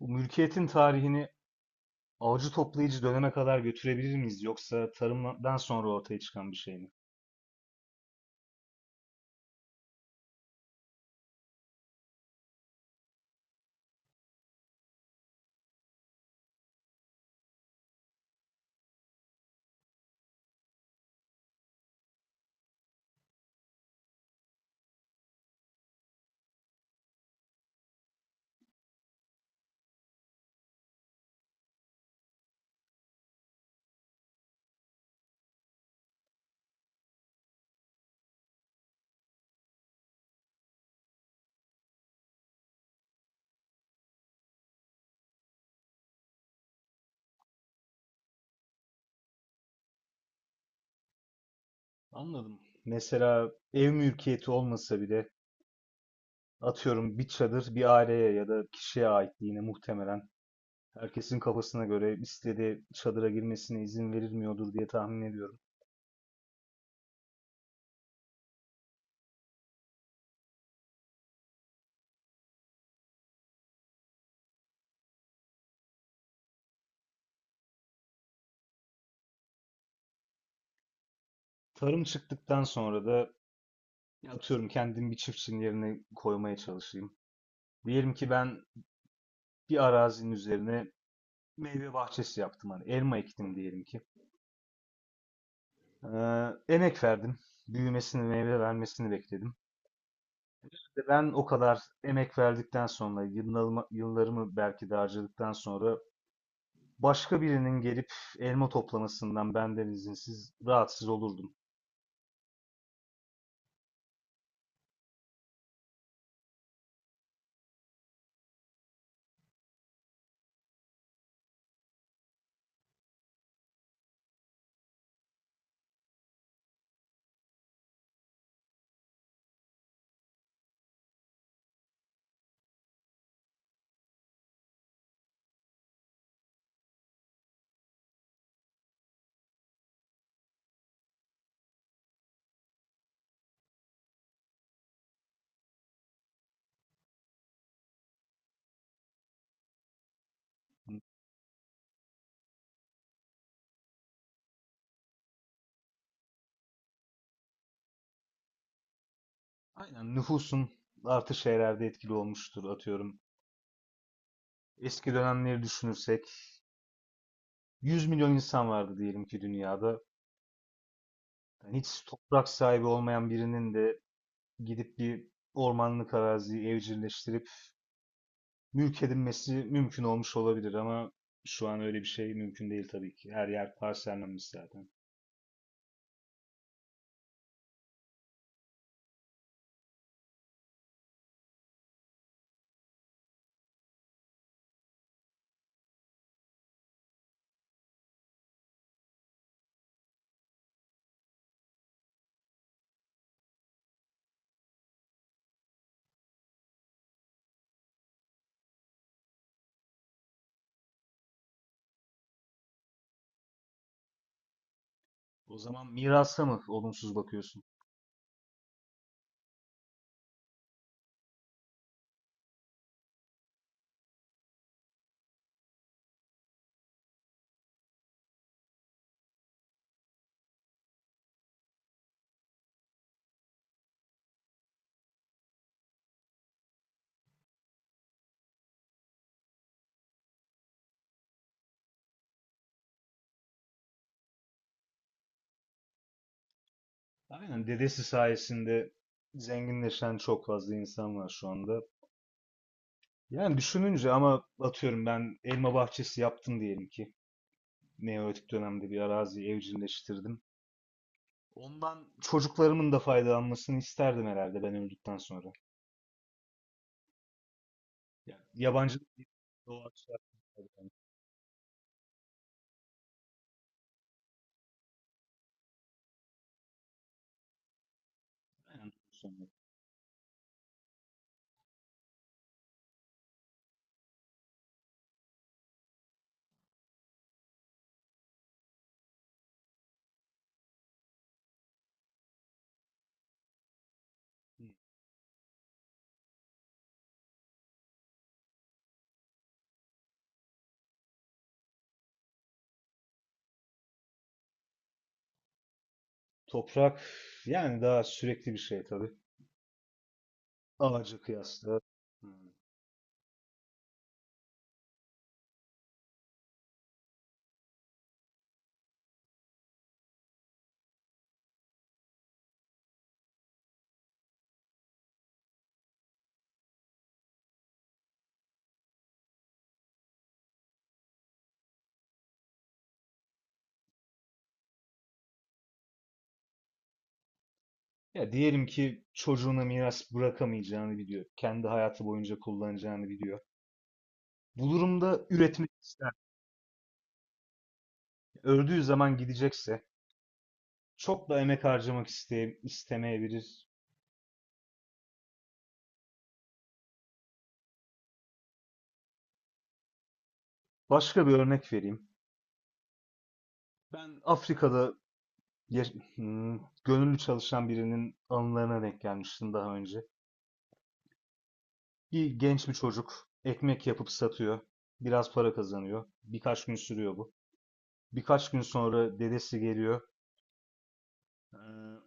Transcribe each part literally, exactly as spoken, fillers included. Bu mülkiyetin tarihini avcı toplayıcı döneme kadar götürebilir miyiz? Yoksa tarımdan sonra ortaya çıkan bir şey mi? Anladım. Mesela ev mülkiyeti olmasa bile atıyorum bir çadır bir aileye ya da kişiye aitliğine muhtemelen herkesin kafasına göre istediği çadıra girmesine izin verilmiyordur diye tahmin ediyorum. Tarım çıktıktan sonra da atıyorum kendim bir çiftçinin yerine koymaya çalışayım. Diyelim ki ben bir arazinin üzerine meyve bahçesi yaptım. Hani elma ektim diyelim ki. Eee, emek verdim. Büyümesini, meyve vermesini bekledim. İşte ben o kadar emek verdikten sonra, yıllarımı, yıllarımı belki de harcadıktan sonra başka birinin gelip elma toplamasından benden izinsiz rahatsız olurdum. Aynen, nüfusun artış herhalde etkili olmuştur atıyorum. Eski dönemleri düşünürsek yüz milyon insan vardı diyelim ki dünyada. Yani hiç toprak sahibi olmayan birinin de gidip bir ormanlık araziyi evcilleştirip mülk edinmesi mümkün olmuş olabilir ama şu an öyle bir şey mümkün değil tabii ki. Her yer parsellenmiş zaten. O zaman mirasa mı olumsuz bakıyorsun? Aynen, dedesi sayesinde zenginleşen çok fazla insan var şu anda. Yani düşününce ama atıyorum ben elma bahçesi yaptım diyelim ki. Neolitik dönemde bir araziyi evcilleştirdim. Ondan çocuklarımın da faydalanmasını isterdim herhalde ben öldükten sonra. Yani yabancı bir doğaçlar. Aynen. Toprak yani daha sürekli bir şey tabii. Ağaca kıyasla. Hmm. Ya diyelim ki çocuğuna miras bırakamayacağını biliyor. Kendi hayatı boyunca kullanacağını biliyor. Bu durumda üretmek ister. Öldüğü zaman gidecekse çok da emek harcamak isteye, istemeyebilir. Başka bir örnek vereyim. Ben Afrika'da yaş- hmm, gönüllü çalışan birinin anılarına denk gelmiştim daha önce. Bir genç bir çocuk ekmek yapıp satıyor. Biraz para kazanıyor. Birkaç gün sürüyor bu. Birkaç gün sonra dedesi geliyor. Ee,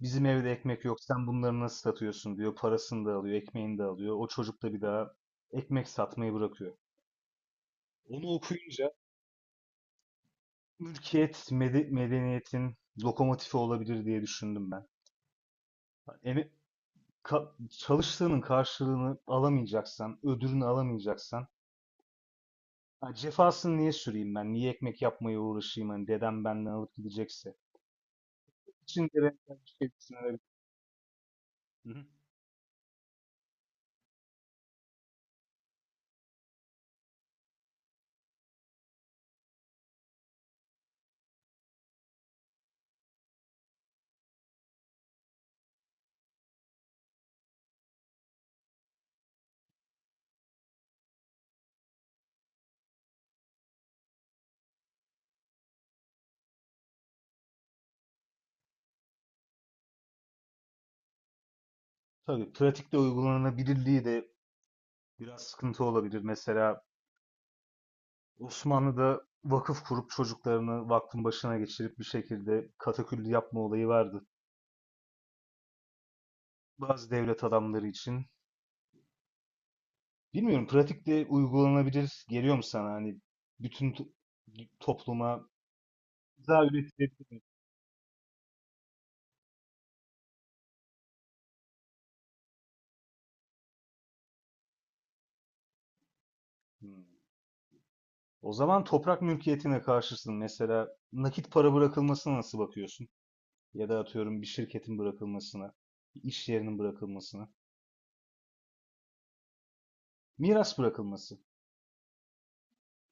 Bizim evde ekmek yok. Sen bunları nasıl satıyorsun diyor. Parasını da alıyor, ekmeğini de alıyor. O çocuk da bir daha ekmek satmayı bırakıyor. Onu okuyunca Türkiye medeniyetin lokomotifi olabilir diye düşündüm ben. Yani ka- çalıştığının karşılığını alamayacaksan, ödülünü alamayacaksan ha, cefasını niye süreyim ben? Niye ekmek yapmaya uğraşayım? Hani dedem benden alıp gidecekse. İçinde benzer bir şey düşünülebilir. Hı hı. Tabii pratikte uygulanabilirliği de biraz sıkıntı olabilir. Mesela Osmanlı'da vakıf kurup çocuklarını vakfın başına geçirip bir şekilde kataküllü yapma olayı vardı. Bazı devlet adamları için. Bilmiyorum pratikte uygulanabilir geliyor mu sana? Hani bütün to- topluma daha üretilebilir mi? Hmm. O zaman toprak mülkiyetine karşısın. Mesela nakit para bırakılmasına nasıl bakıyorsun? Ya da atıyorum bir şirketin bırakılmasına, bir iş yerinin bırakılmasına. Miras bırakılması.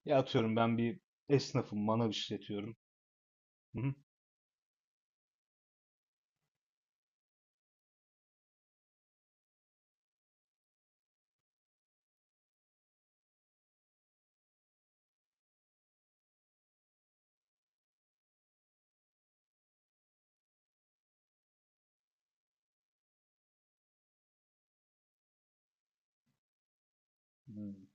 Ya atıyorum ben bir esnafım, manav işletiyorum. Hı hı. Hmm.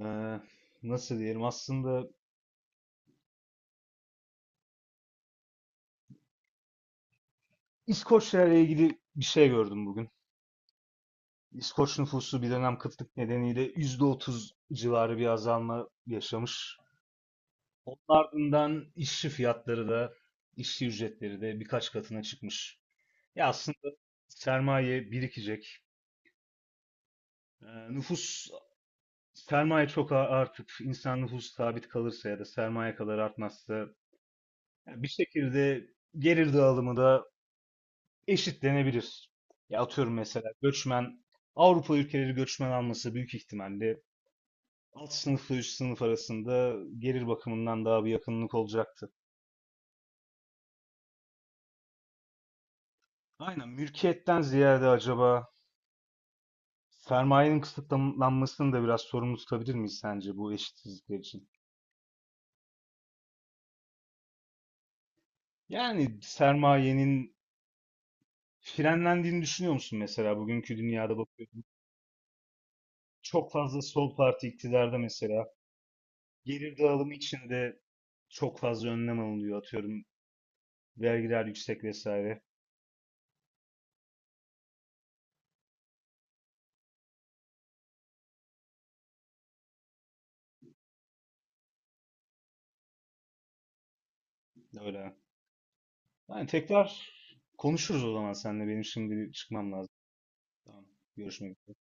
Ee, Nasıl diyelim aslında, İskoçlarla ilgili bir şey gördüm bugün. İskoç nüfusu bir dönem kıtlık nedeniyle yüzde otuz civarı bir azalma yaşamış. Onun ardından işçi fiyatları da işçi ücretleri de birkaç katına çıkmış. Ya aslında sermaye birikecek. Ee, Nüfus sermaye çok a- artıp insan nüfusu sabit kalırsa ya da sermaye kadar artmazsa yani bir şekilde gelir dağılımı da eşitlenebilir. Ya atıyorum mesela göçmen Avrupa ülkeleri göçmen alması büyük ihtimalle alt sınıfla üst sınıf arasında gelir bakımından daha bir yakınlık olacaktı. Aynen, mülkiyetten ziyade acaba sermayenin kısıtlanmasını da biraz sorumlu tutabilir miyiz sence bu eşitsizlikler için? Yani sermayenin frenlendiğini düşünüyor musun mesela bugünkü dünyada bakıyorum. Çok fazla sol parti iktidarda mesela. Gelir dağılımı için de çok fazla önlem alınıyor atıyorum. Vergiler yüksek vesaire. Öyle. Yani tekrar konuşuruz o zaman seninle. Benim şimdi bir çıkmam lazım. Tamam. Görüşmek üzere.